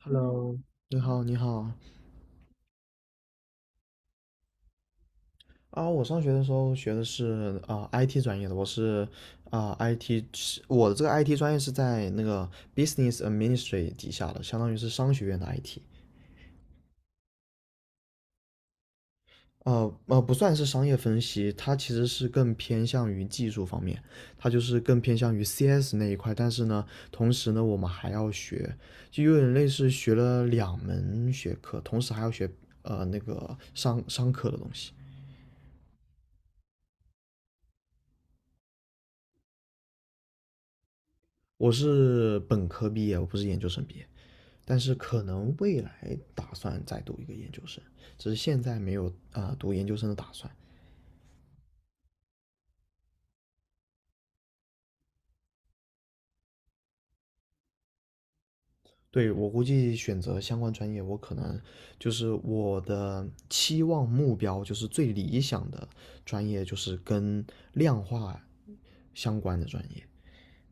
Hello，你好，你好啊！我上学的时候学的是IT 专业的，我是啊、IT，是我的这个 IT 专业是在那个 Business a d m i n i s t r a 底下的，相当于是商学院的 IT。不算是商业分析，它其实是更偏向于技术方面，它就是更偏向于 CS 那一块。但是呢，同时呢，我们还要学，就有点类似学了两门学科，同时还要学那个商科的东西。我是本科毕业，我不是研究生毕业，但是可能未来打算再读一个研究生，只是现在没有读研究生的打算。对，我估计选择相关专业，我可能就是我的期望目标，就是最理想的专业就是跟量化相关的专业，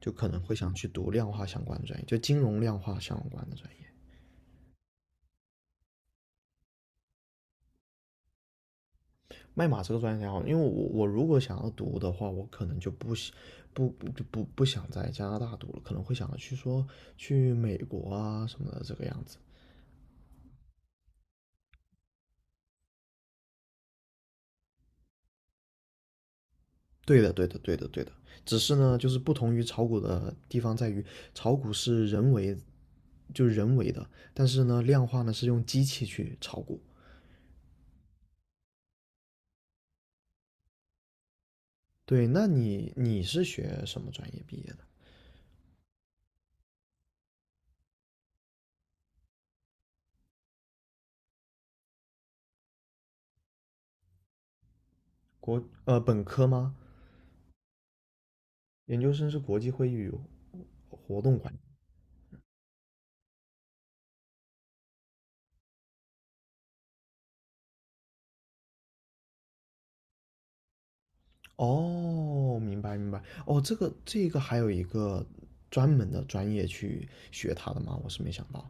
就可能会想去读量化相关的专业，就金融量化相关的专业。卖马这个专业还好，因为我如果想要读的话，我可能就不想在加拿大读了，可能会想着去说去美国啊什么的这个样子。对的，对的，对的，对的。只是呢，就是不同于炒股的地方在于，炒股是人为，就是人为的，但是呢，量化呢是用机器去炒股。对，那你是学什么专业毕业的？本科吗？研究生是国际会议与活动管理。哦，明白明白。哦，这个还有一个专门的专业去学它的吗？我是没想到。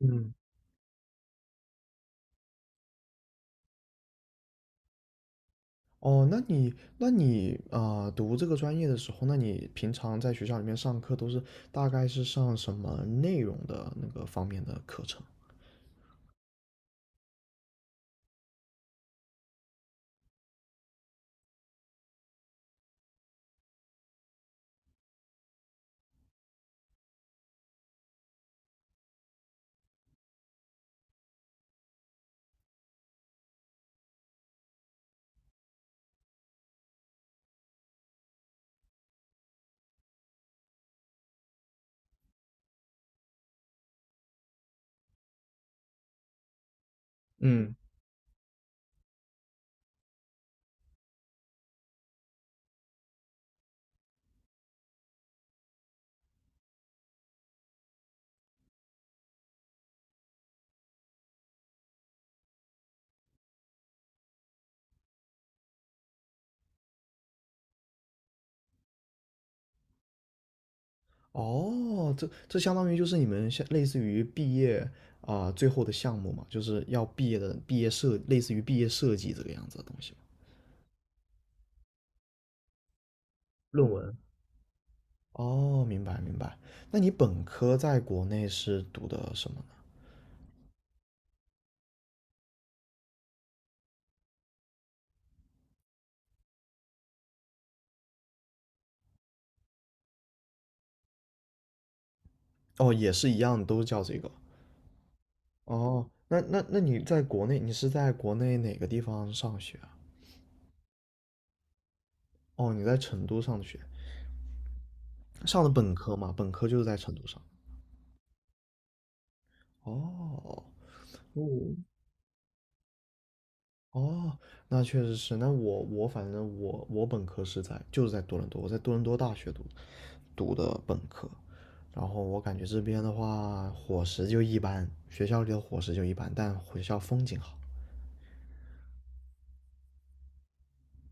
嗯。哦，那你读这个专业的时候，那你平常在学校里面上课都是大概是上什么内容的那个方面的课程？嗯。哦，这相当于就是你们像类似于毕业最后的项目嘛，就是要毕业的毕业设，类似于毕业设计这个样子的东西嘛。论文。哦，明白明白。那你本科在国内是读的什么呢？哦，也是一样，都叫这个。哦，那你在国内，你是在国内哪个地方上学啊？哦，你在成都上的学，上的本科嘛，本科就是在成都上。哦，哦，哦，那确实是。那我我反正我我本科是在就是在多伦多，我在多伦多大学读的本科，然后我感觉这边的话伙食就一般，学校里的伙食就一般，但学校风景好。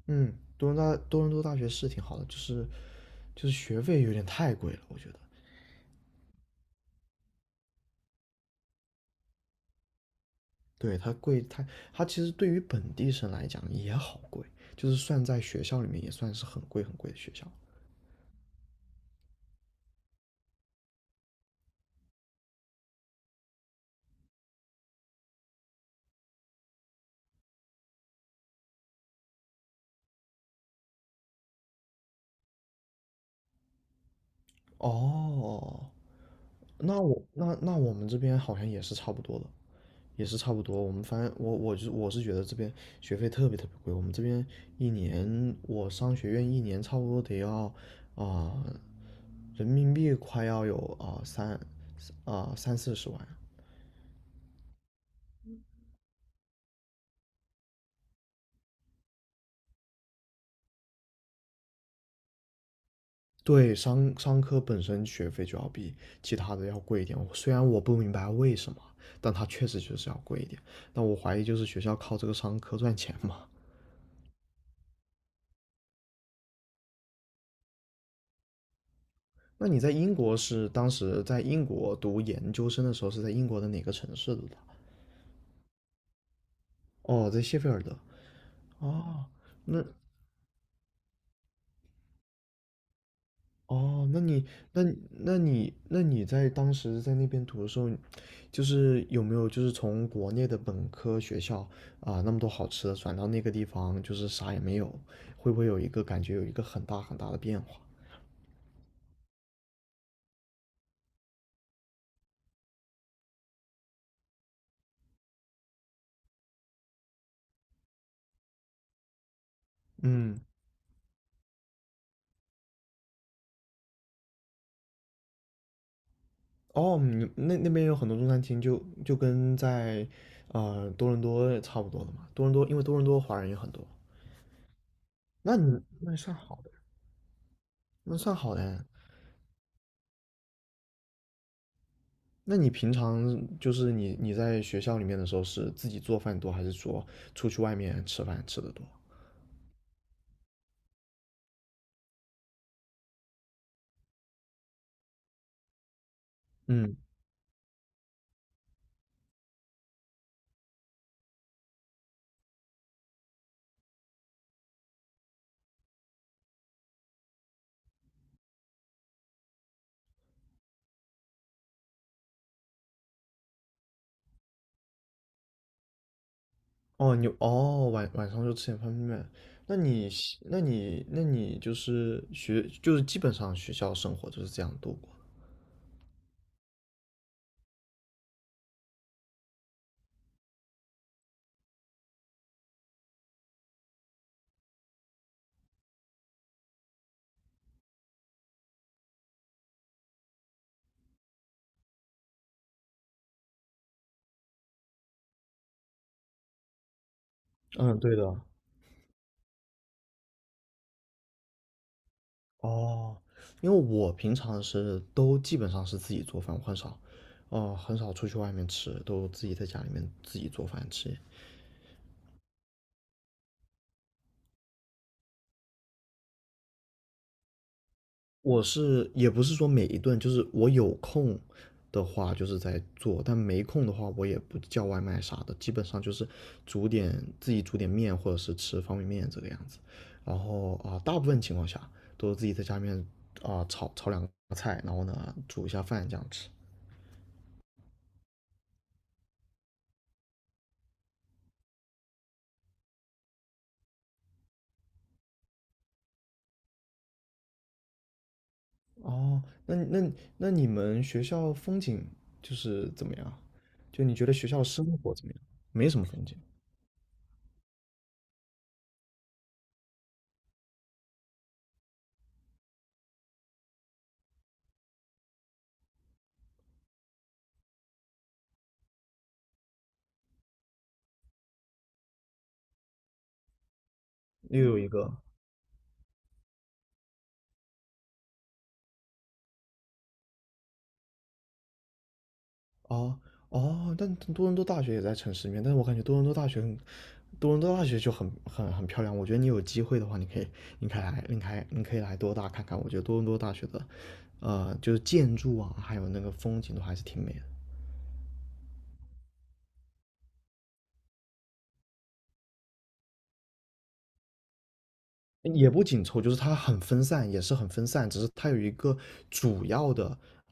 嗯，多伦多大学是挺好的，就是学费有点太贵了，我觉得。对，它贵，它其实对于本地生来讲也好贵，就是算在学校里面也算是很贵很贵的学校。哦，那我们这边好像也是差不多的，也是差不多。我们反正我是觉得这边学费特别特别贵，我们这边一年我商学院一年差不多得要啊、人民币快要有三四十万。对，商科本身学费就要比其他的要贵一点，虽然我不明白为什么，但它确实就是要贵一点。但我怀疑就是学校靠这个商科赚钱嘛。那你在英国是当时在英国读研究生的时候是在英国的哪个城市读的？哦，在谢菲尔德。哦，那哦，那你在当时在那边读的时候，就是有没有就是从国内的本科学校那么多好吃的转到那个地方，就是啥也没有，会不会有一个感觉有一个很大很大的变化？嗯。哦，你那那边有很多中餐厅就，就跟在多伦多差不多的嘛。多伦多因为多伦多华人也很多，那算好的，那算好的。那你平常就是你在学校里面的时候是自己做饭多，还是说出去外面吃饭吃的多？嗯，哦，晚上就吃点方便面。那你喜那你那你就是学就是基本上学校生活就是这样度过。嗯，对的。哦，因为我平常是都基本上是自己做饭，我很少，哦、很少出去外面吃，都自己在家里面自己做饭吃。我是也不是说每一顿，就是我有空的话就是在做，但没空的话我也不叫外卖啥的，基本上就是自己煮点面或者是吃方便面这个样子。然后大部分情况下都是自己在家里面炒炒两个菜，然后呢煮一下饭这样吃。哦，那你们学校风景就是怎么样？就你觉得学校生活怎么样？没什么风景，又有一个哦哦，但多伦多大学也在城市里面，但是我感觉多伦多大学就很漂亮。我觉得你有机会的话，你可以来多大看看。我觉得多伦多大学的，就是建筑啊，还有那个风景都还是挺美的。也不紧凑，就是它很分散，也是很分散，只是它有一个主要的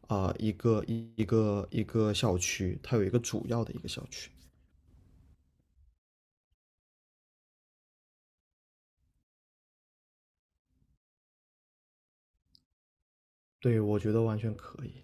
一个校区，它有一个主要的一个校区。对，我觉得完全可以。